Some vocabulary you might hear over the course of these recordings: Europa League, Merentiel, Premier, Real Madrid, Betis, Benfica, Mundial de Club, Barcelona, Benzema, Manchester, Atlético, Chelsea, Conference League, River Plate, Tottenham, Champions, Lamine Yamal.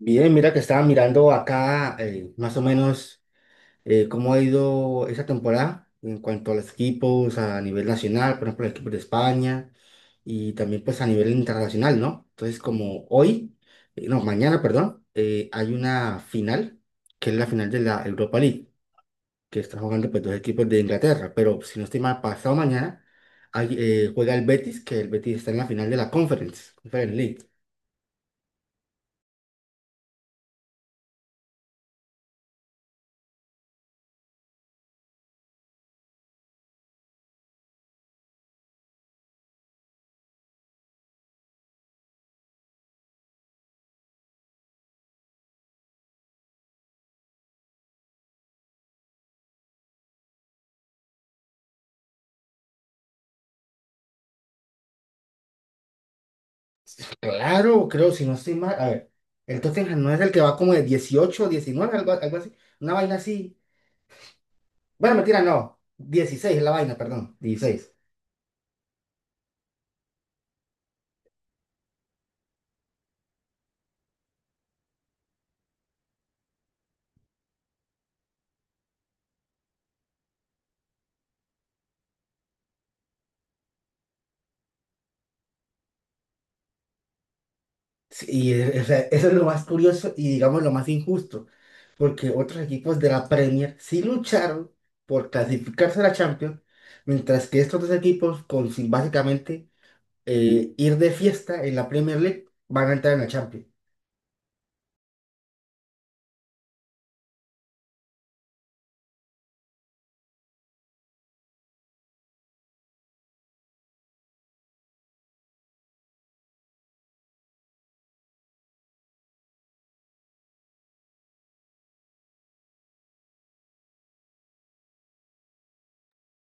Bien, mira que estaba mirando acá, más o menos, cómo ha ido esa temporada en cuanto a los equipos a nivel nacional, por ejemplo, el equipo de España, y también, pues, a nivel internacional, ¿no? Entonces, como hoy, no, mañana, perdón, hay una final, que es la final de la Europa League, que están jugando, pues, dos equipos de Inglaterra, pero, si no estoy mal, pasado mañana hay, juega el Betis, que el Betis está en la final de la Conference, Conference League. Claro, creo, si no estoy mal. A ver, el Tottenham no es el que va como de 18, 19 algo, algo así. Una vaina así. Bueno, mentira, no. 16 es la vaina, perdón. 16. Sí, y o sea, eso es lo más curioso y, digamos, lo más injusto, porque otros equipos de la Premier sí lucharon por clasificarse a la Champions, mientras que estos dos equipos, con sin básicamente ir de fiesta en la Premier League, van a entrar en la Champions.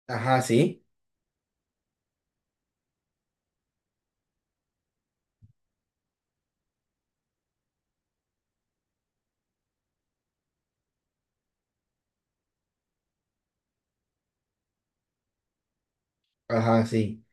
Ajá, sí. Ajá, sí.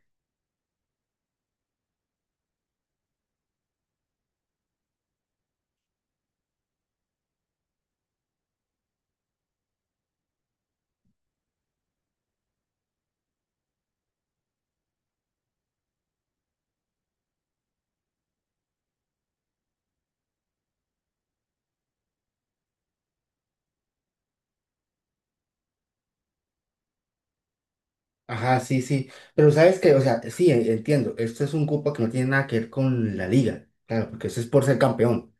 Ajá, sí, sí. Pero sabes que, o sea, sí, entiendo. Esto es un cupo que no tiene nada que ver con la liga. Claro, porque eso es por ser campeón.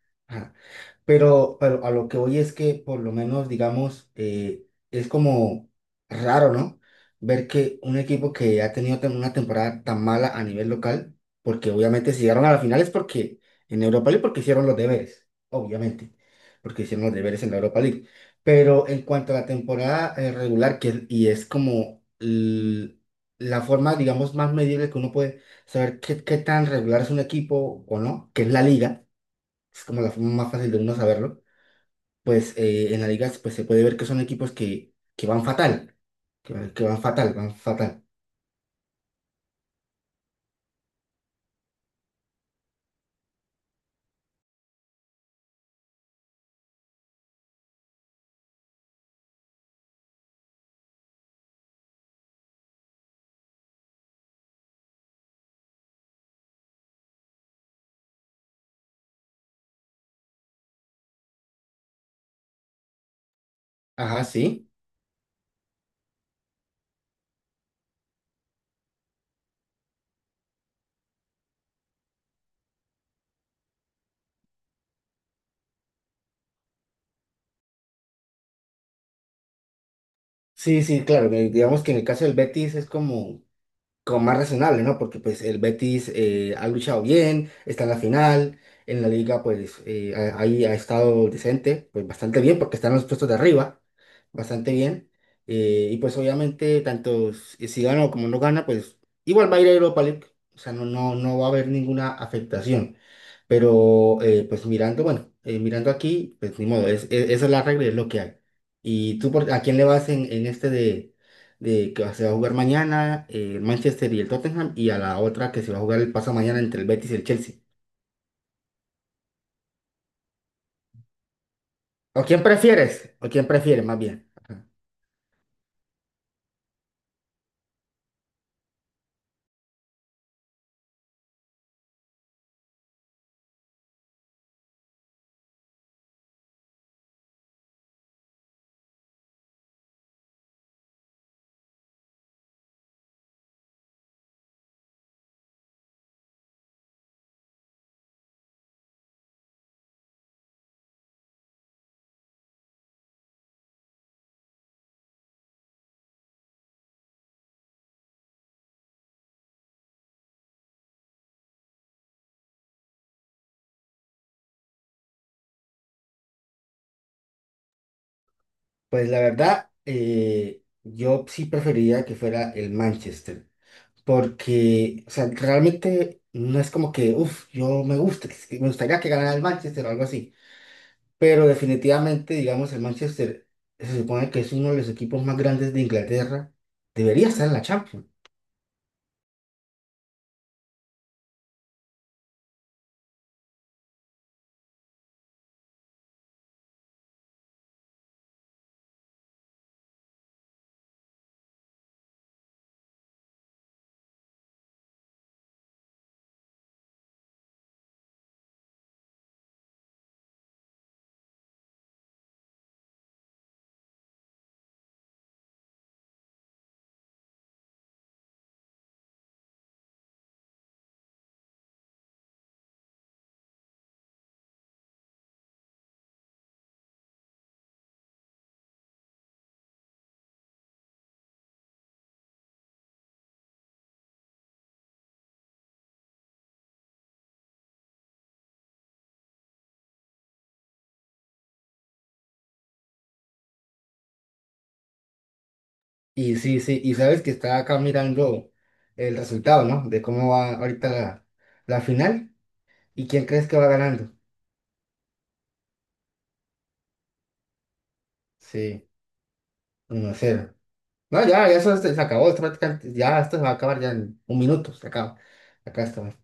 Pero, a lo que voy es que, por lo menos, digamos, es como raro, ¿no? Ver que un equipo que ha tenido una temporada tan mala a nivel local, porque, obviamente, si llegaron a la final es porque en Europa League, porque hicieron los deberes, obviamente, porque hicieron los deberes en la Europa League. Pero, en cuanto a la temporada, regular, y es como la forma, digamos, más medible que uno puede saber qué, qué tan regular es un equipo o no, que es la liga, es como la forma más fácil de uno saberlo, pues, en la liga, pues, se puede ver que son equipos que, van fatal, que van fatal, van fatal. Ajá, sí. Sí, sí, claro, que, digamos, que en el caso del Betis es como, como más razonable, ¿no? Porque, pues, el Betis, ha luchado bien, está en la final, en la liga, pues, ahí ha estado decente, pues bastante bien, porque están en los puestos de arriba, bastante bien. Y, pues, obviamente, tanto si gana o como no gana, pues igual va a ir a Europa League, o sea, no, no va a haber ninguna afectación. Pero, pues mirando, bueno, mirando aquí, pues ni modo, es, esa es la regla, es lo que hay. ¿Y tú por, a quién le vas en este de que se va a jugar mañana, el Manchester y el Tottenham, y a la otra que se va a jugar el paso mañana entre el Betis y el Chelsea? ¿O quién prefieres? ¿O quién prefieres, más bien? Ajá. Pues, la verdad, yo sí preferiría que fuera el Manchester, porque, o sea, realmente no es como que, uff, yo me gusta, es que me gustaría que ganara el Manchester o algo así. Pero, definitivamente, digamos, el Manchester se supone que es uno de los equipos más grandes de Inglaterra. Debería estar en la Champions. Y sí, sí, y sabes que está acá mirando el resultado, ¿no? De cómo va ahorita la, la final y quién crees que va ganando. Sí, 1-0. No, ya, ya eso se, se acabó, esto prácticamente- ya esto se va a acabar ya en un minuto, se acaba. Acá está.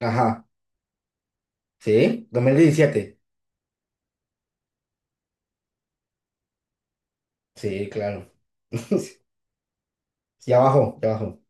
Ajá, sí, 2017. Sí, claro. Ya bajó, ya bajó.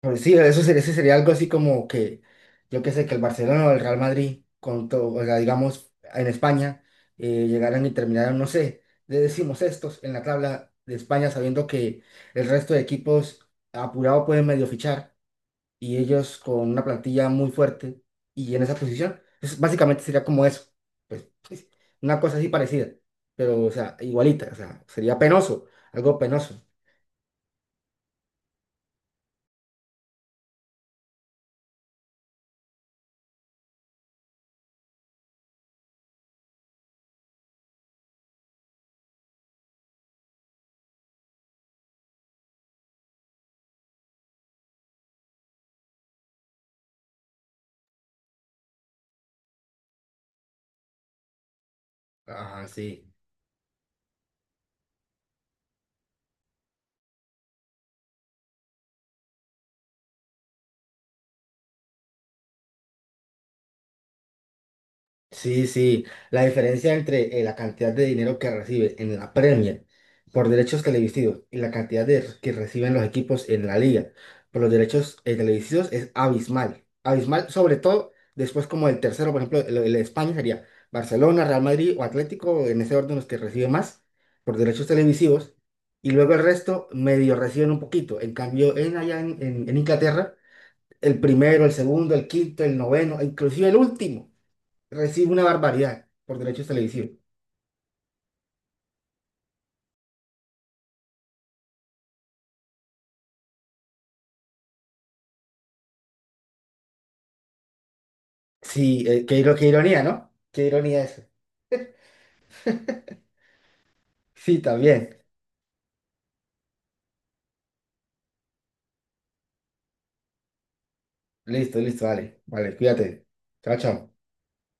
Pues sí, eso sería, ese sería algo así como que, yo qué sé, que el Barcelona o el Real Madrid, con todo, o sea, digamos, en España, llegaran y terminaran, no sé, de decimos estos en la tabla de España, sabiendo que el resto de equipos apurado pueden medio fichar y ellos con una plantilla muy fuerte y en esa posición, es- básicamente sería como eso, pues, una cosa así parecida, pero, o sea, igualita, o sea, sería penoso, algo penoso. Ajá, sí. Sí, sí, la diferencia entre, la cantidad de dinero que recibe en la Premier por derechos televisivos y la cantidad de, que reciben los equipos en la liga por los derechos, televisivos, es abismal. Abismal, sobre todo, después, como el tercero, por ejemplo, el de España sería Barcelona, Real Madrid o Atlético, en ese orden los que recibe más por derechos televisivos, y luego el resto medio reciben un poquito. En cambio, en allá en en Inglaterra, el primero, el segundo, el quinto, el noveno, e inclusive el último recibe una barbaridad por derechos televisivos. Sí, qué, qué ironía, ¿no? Qué ironía eso. Sí, también. Listo, listo, vale. Vale, cuídate. Chao, chao.